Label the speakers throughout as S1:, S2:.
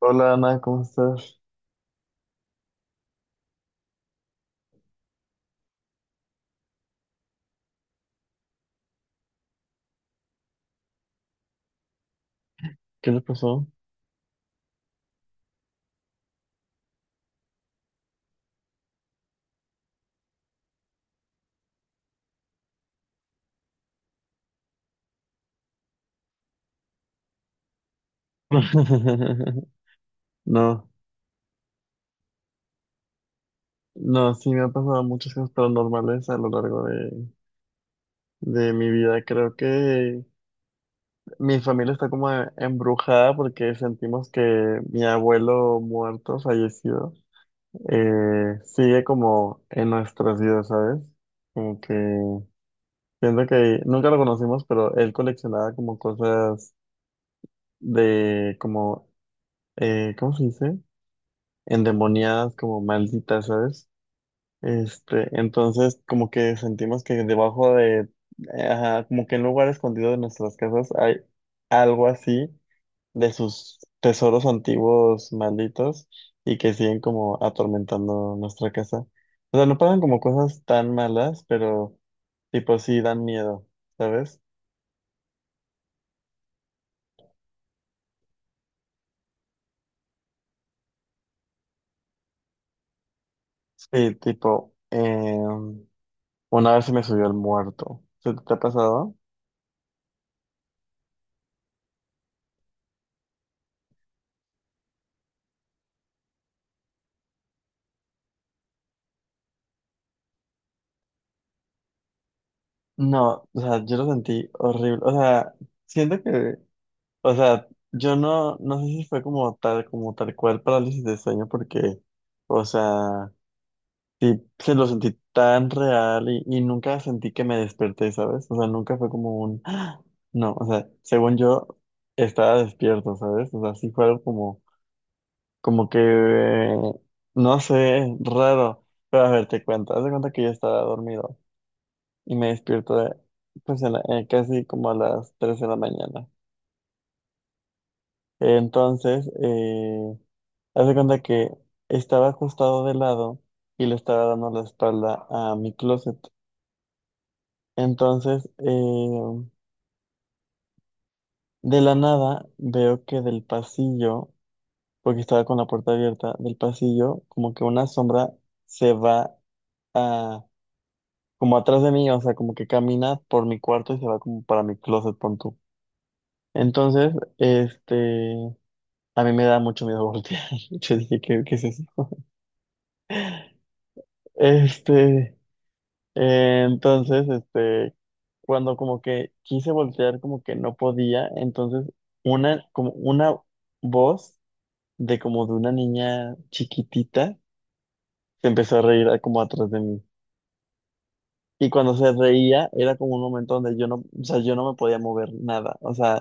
S1: Hola Ana, ¿cómo estás? ¿Qué le pasó? No, no, sí me han pasado muchas cosas paranormales a lo largo de mi vida. Creo que mi familia está como embrujada porque sentimos que mi abuelo muerto, fallecido, sigue como en nuestras vidas, ¿sabes? Como que siento que nunca lo conocimos, pero él coleccionaba como cosas de como, ¿cómo se dice? Endemoniadas, como malditas, ¿sabes? Este, entonces como que sentimos ajá, como que en un lugar escondido de nuestras casas hay algo así de sus tesoros antiguos malditos y que siguen como atormentando nuestra casa. O sea, no pasan como cosas tan malas, pero tipo sí dan miedo, ¿sabes? Sí, tipo, una vez se me subió el muerto. ¿Se te ha pasado? No, o sea, yo lo sentí horrible. O sea, siento que, o sea, yo no, no sé si fue como tal cual parálisis de sueño, porque, o sea, sí se lo sentí tan real y nunca sentí que me desperté, ¿sabes? O sea, nunca fue como un, "Ah". No, o sea, según yo estaba despierto, ¿sabes? O sea, sí fue algo como que, eh, no sé, raro. Pero a ver, te cuento, haz de cuenta que yo estaba dormido y pues casi como a las 3 de la mañana. Entonces, haz de cuenta que estaba acostado de lado y le estaba dando la espalda a mi closet. Entonces, de la nada veo que del pasillo, porque estaba con la puerta abierta, del pasillo como que una sombra se a, como atrás de mí, o sea, como que camina por mi cuarto y se va como para mi closet, pon tú. Entonces, este, a mí me da mucho miedo voltear. Yo dije, ¿qué es eso? Este, eh, entonces, este, cuando como que quise voltear, como que no podía, entonces como una voz de como de una niña chiquitita se empezó como atrás de mí. Y cuando se reía, era como un momento donde yo no, o sea, yo no me podía mover nada. O sea,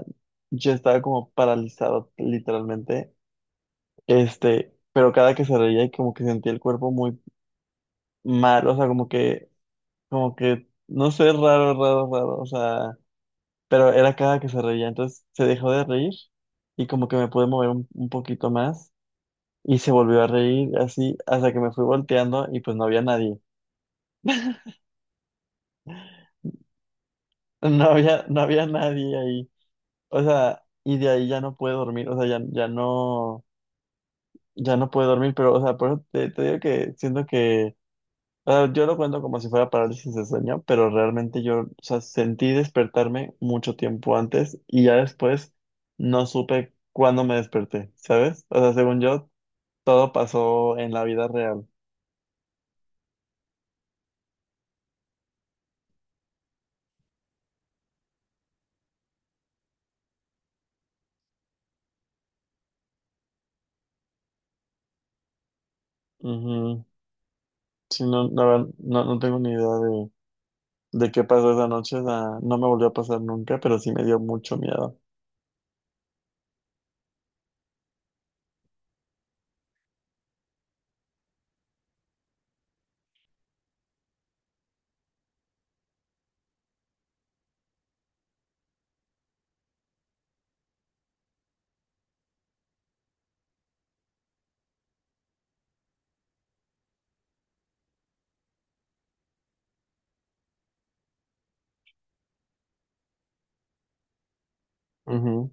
S1: yo estaba como paralizado, literalmente. Este, pero cada que se reía y como que sentía el cuerpo muy mal, o sea, como que como que, no sé, raro, raro, raro, o sea, pero era cada que se reía, entonces se dejó de reír y como que me pude mover un poquito más y se volvió a reír así hasta que me fui volteando y pues no había nadie, no había nadie ahí, o sea, y de ahí ya no pude dormir, o sea, ya no pude dormir, pero, o sea, por eso te digo que siento que ah, yo lo cuento como si fuera parálisis de sueño, pero realmente yo, o sea, sentí despertarme mucho tiempo antes y ya después no supe cuándo me desperté, ¿sabes? O sea, según yo, todo pasó en la vida real. Ujú. Sí, no, la verdad, no tengo ni idea de qué pasó esa noche, o sea, no me volvió a pasar nunca, pero sí me dio mucho miedo. Ujú.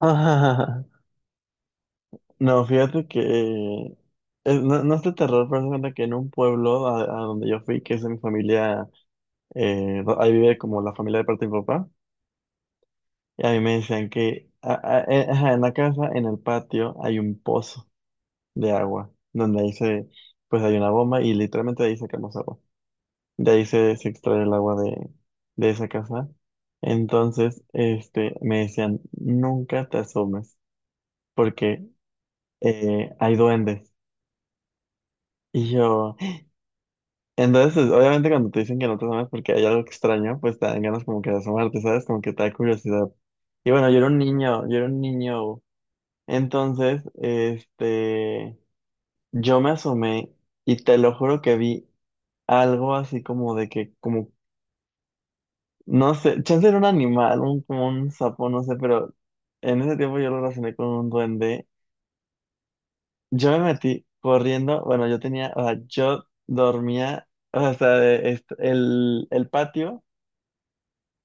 S1: No, fíjate que no, no es de terror, pero haz de cuenta que en un pueblo a donde yo fui, que es de mi familia ahí vive como la familia de parte de mi papá, y a mí me decían ajá, en la casa, en el patio, hay un pozo de agua, donde pues hay una bomba y literalmente de ahí sacamos agua. De ahí se extrae el agua de esa casa. Entonces, este, me decían, nunca te asomes, porque hay duendes. Y yo, entonces, obviamente cuando te dicen que no te asomes porque hay algo extraño, pues te dan ganas como que de asomarte, ¿sabes? Como que te da curiosidad. Y bueno, yo era un niño, yo era un niño. Entonces, este, yo me asomé y te lo juro que vi algo así como de que, como, no sé, chance era un animal, como un sapo, no sé, pero en ese tiempo yo lo relacioné con un duende. Yo me metí corriendo, bueno, yo tenía, o sea, yo dormía, o sea, el patio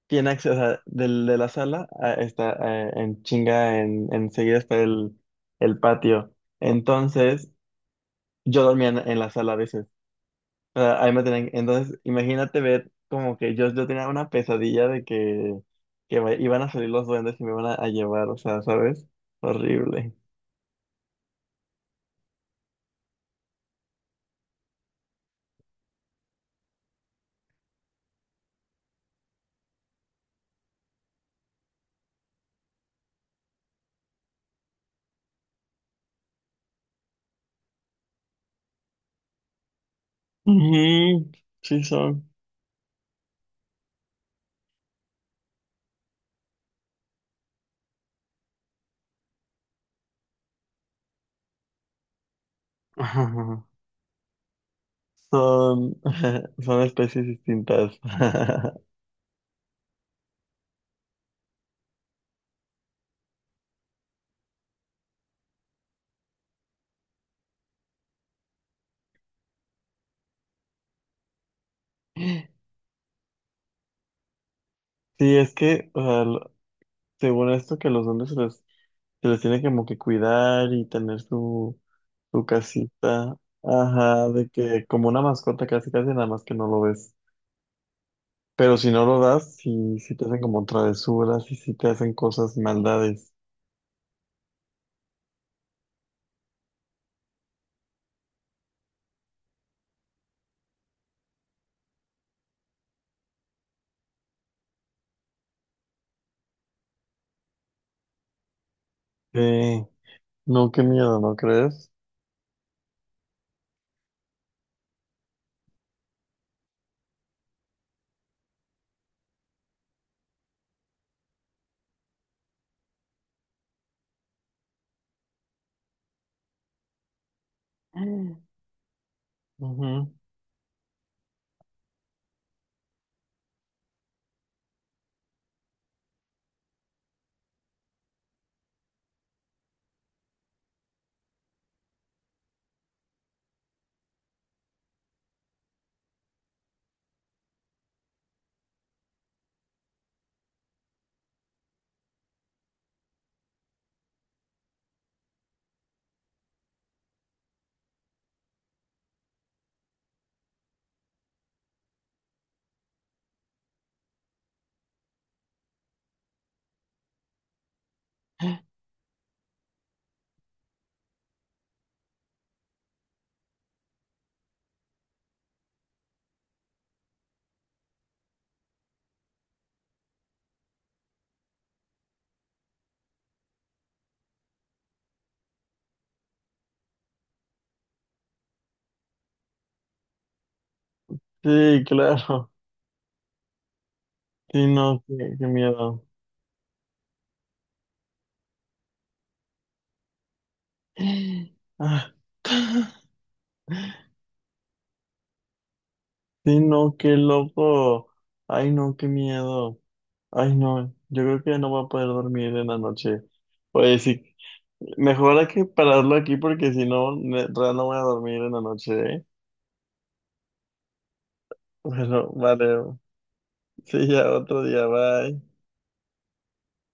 S1: tiene acceso, o sea, de la sala a- está en chinga, enseguida está el patio. Entonces, yo dormía en la sala a veces. O sea, ahí me tenían- entonces, imagínate ver como que yo tenía una pesadilla de que, iban a salir los duendes y me iban a llevar, o sea, ¿sabes? Horrible. Ujú, sí, son. Ajá. Son, son especies distintas. Sí, es que, o sea, según esto, que los hombres se les tiene como que cuidar y tener su casita. Ajá, de que como una mascota casi casi nada más que no lo ves. Pero si no lo das, sí te hacen como travesuras y sí te hacen cosas, maldades. Sí, no, qué miedo, ¿no crees? Mm. Ujú. Sí, claro. Sí, no, qué miedo. Ah. Sí, no, qué loco. Ay, no, qué miedo. Ay, no, yo creo que no voy a poder dormir en la noche. Oye, sí, mejor hay que pararlo aquí porque si no, real no voy a dormir en la noche, ¿eh? Bueno, vale. Sí, ya otro día, bye.